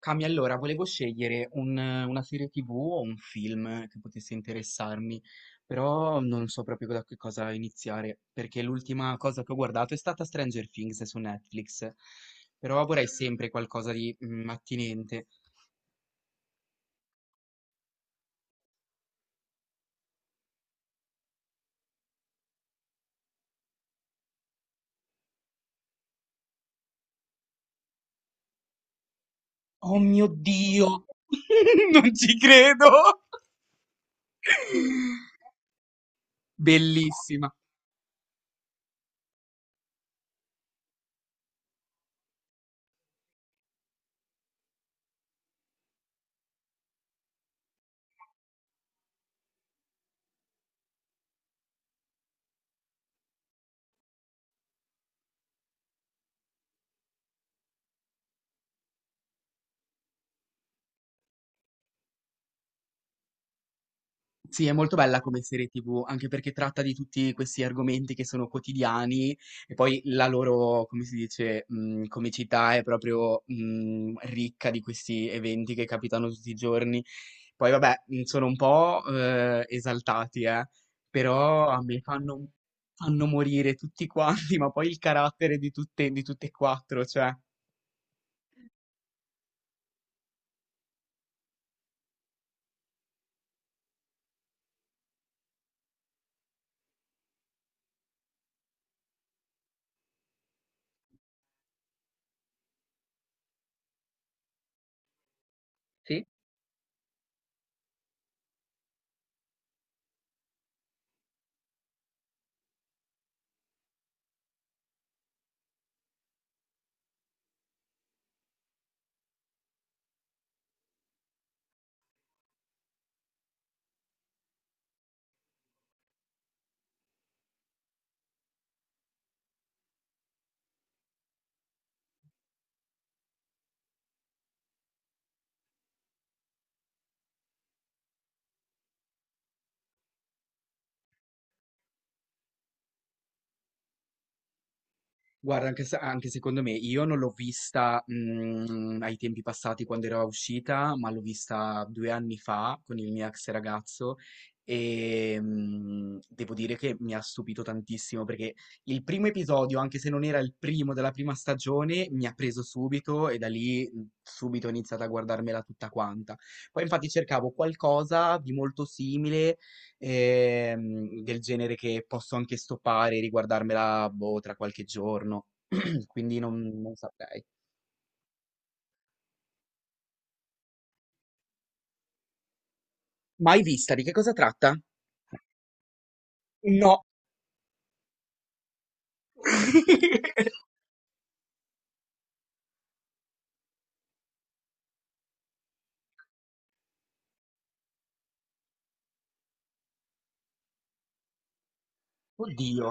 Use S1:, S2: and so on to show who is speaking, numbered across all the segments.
S1: Cami, allora, volevo scegliere una serie TV o un film che potesse interessarmi, però non so proprio da che cosa iniziare, perché l'ultima cosa che ho guardato è stata Stranger Things su Netflix, però vorrei sempre qualcosa di attinente. Oh mio Dio! Non ci credo! Bellissima. Sì, è molto bella come serie TV, anche perché tratta di tutti questi argomenti che sono quotidiani e poi la loro, come si dice, comicità è proprio ricca di questi eventi che capitano tutti i giorni. Poi vabbè, sono un po' esaltati, però a me fanno, fanno morire tutti quanti, ma poi il carattere di tutte e quattro, cioè. Guarda, anche se anche secondo me, io non l'ho vista, ai tempi passati quando era uscita, ma l'ho vista 2 anni fa con il mio ex ragazzo, devo dire che mi ha stupito tantissimo perché il primo episodio, anche se non era il primo della prima stagione, mi ha preso subito e da lì, subito ho iniziato a guardarmela tutta quanta. Poi infatti cercavo qualcosa di molto simile, del genere che posso anche stoppare e riguardarmela, boh, tra qualche giorno. Quindi non, non saprei. Mai vista, di che cosa tratta? No. Oddio.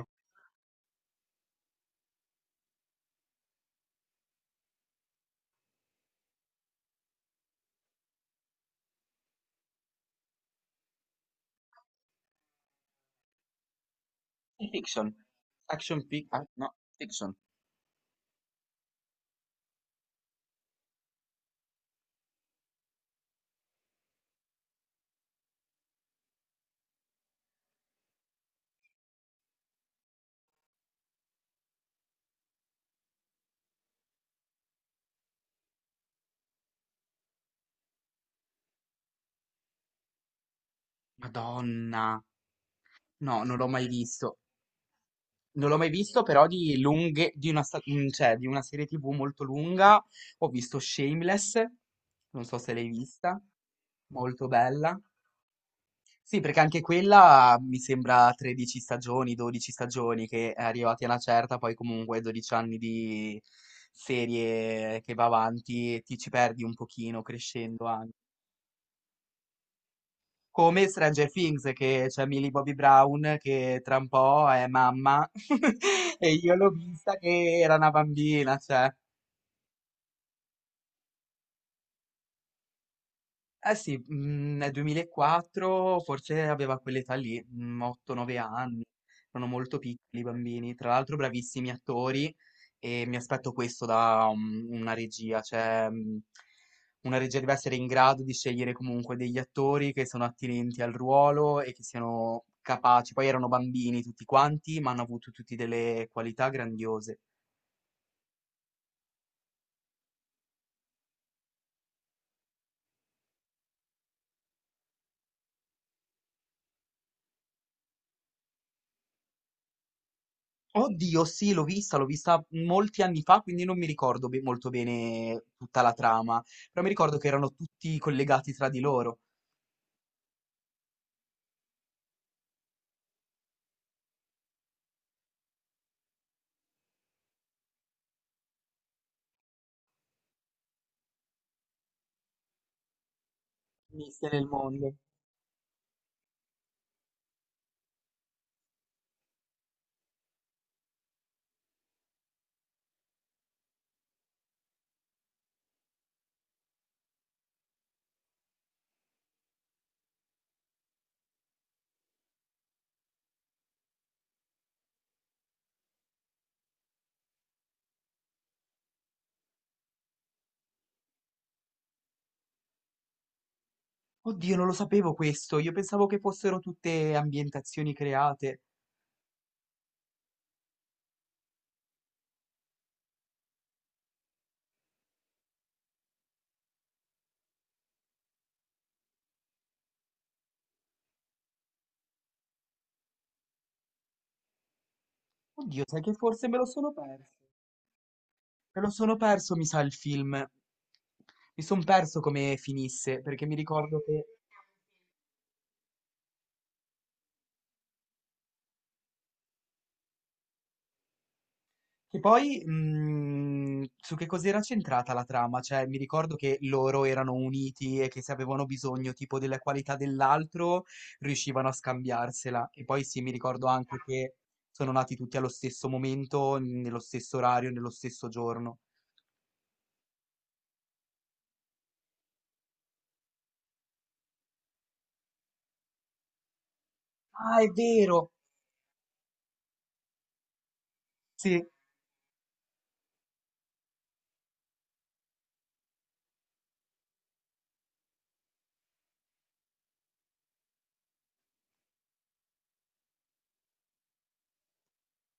S1: Fiction. Action fic... ah, no, fiction. Madonna. No, non l'ho mai visto. Non l'ho mai visto, però di lunghe, di una, cioè, di una serie TV molto lunga. Ho visto Shameless, non so se l'hai vista, molto bella. Sì, perché anche quella mi sembra 13 stagioni, 12 stagioni, che è arrivati a una certa, poi comunque 12 anni di serie che va avanti e ti ci perdi un pochino crescendo anche. Come Stranger Things, che c'è Millie Bobby Brown, che tra un po' è mamma, e io l'ho vista che era una bambina, cioè. Eh sì, nel 2004 forse aveva quell'età lì, 8-9 anni, erano molto piccoli i bambini, tra l'altro bravissimi attori e mi aspetto questo da una regia, cioè una regia deve essere in grado di scegliere comunque degli attori che sono attinenti al ruolo e che siano capaci, poi erano bambini tutti quanti, ma hanno avuto tutti delle qualità grandiose. Oddio, sì, l'ho vista molti anni fa, quindi non mi ricordo molto bene tutta la trama, però mi ricordo che erano tutti collegati tra di loro. Miste nel mondo. Oddio, non lo sapevo questo, io pensavo che fossero tutte ambientazioni create. Oddio, sai che forse me lo sono perso. Me lo sono perso, mi sa, il film. Mi sono perso come finisse, perché mi ricordo che... Che poi, su che cos'era centrata la trama? Cioè, mi ricordo che loro erano uniti e che se avevano bisogno tipo della qualità dell'altro, riuscivano a scambiarsela. E poi sì, mi ricordo anche che sono nati tutti allo stesso momento, nello stesso orario, nello stesso giorno. Ah, è vero! Sì,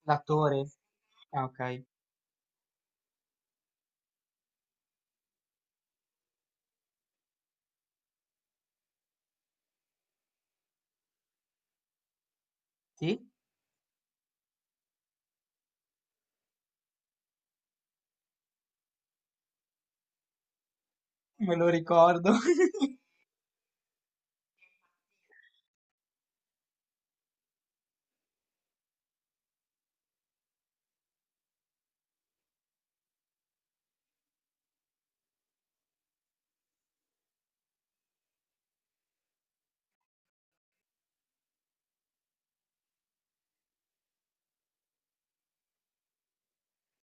S1: l'attore. Ah, ok. Sì, me lo ricordo.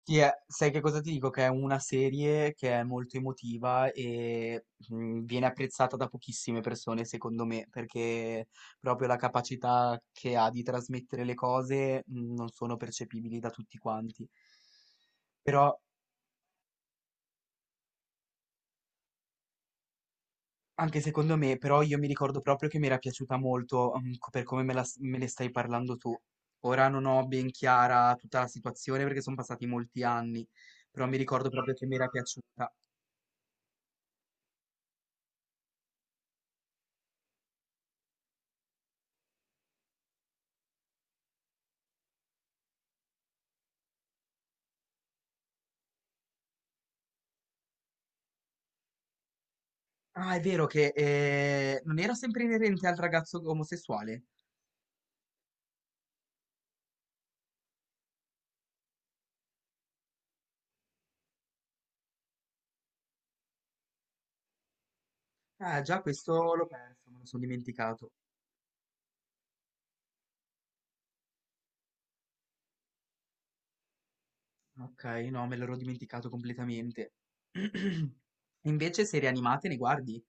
S1: Sì, è- sai che cosa ti dico? Che è una serie che è molto emotiva e viene apprezzata da pochissime persone, secondo me, perché proprio la capacità che ha di trasmettere le cose non sono percepibili da tutti quanti. Però, anche secondo me, però io mi ricordo proprio che mi era piaciuta molto, per come me ne stai parlando tu. Ora non ho ben chiara tutta la situazione perché sono passati molti anni, però mi ricordo proprio che mi era piaciuta. Ah, è vero che non era sempre inerente al ragazzo omosessuale. Ah, già questo l'ho perso, me lo sono dimenticato. Ok, no, me l'ero dimenticato completamente. Invece, serie animate ne guardi?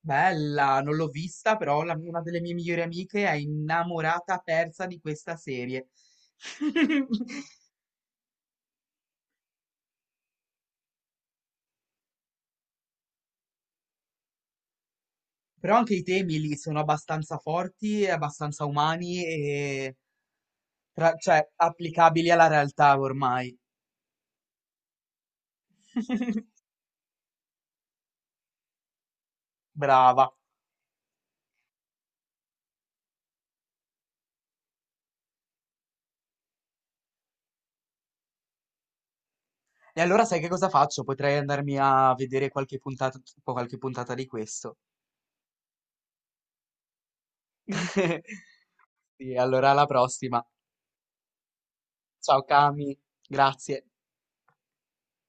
S1: Bella, non l'ho vista, però una delle mie migliori amiche è innamorata persa di questa serie. Però anche i temi lì sono abbastanza forti, e abbastanza umani e cioè applicabili alla realtà ormai. Brava. E allora sai che cosa faccio? Potrei andarmi a vedere qualche puntata di questo. Sì, allora alla prossima. Ciao Cami, grazie.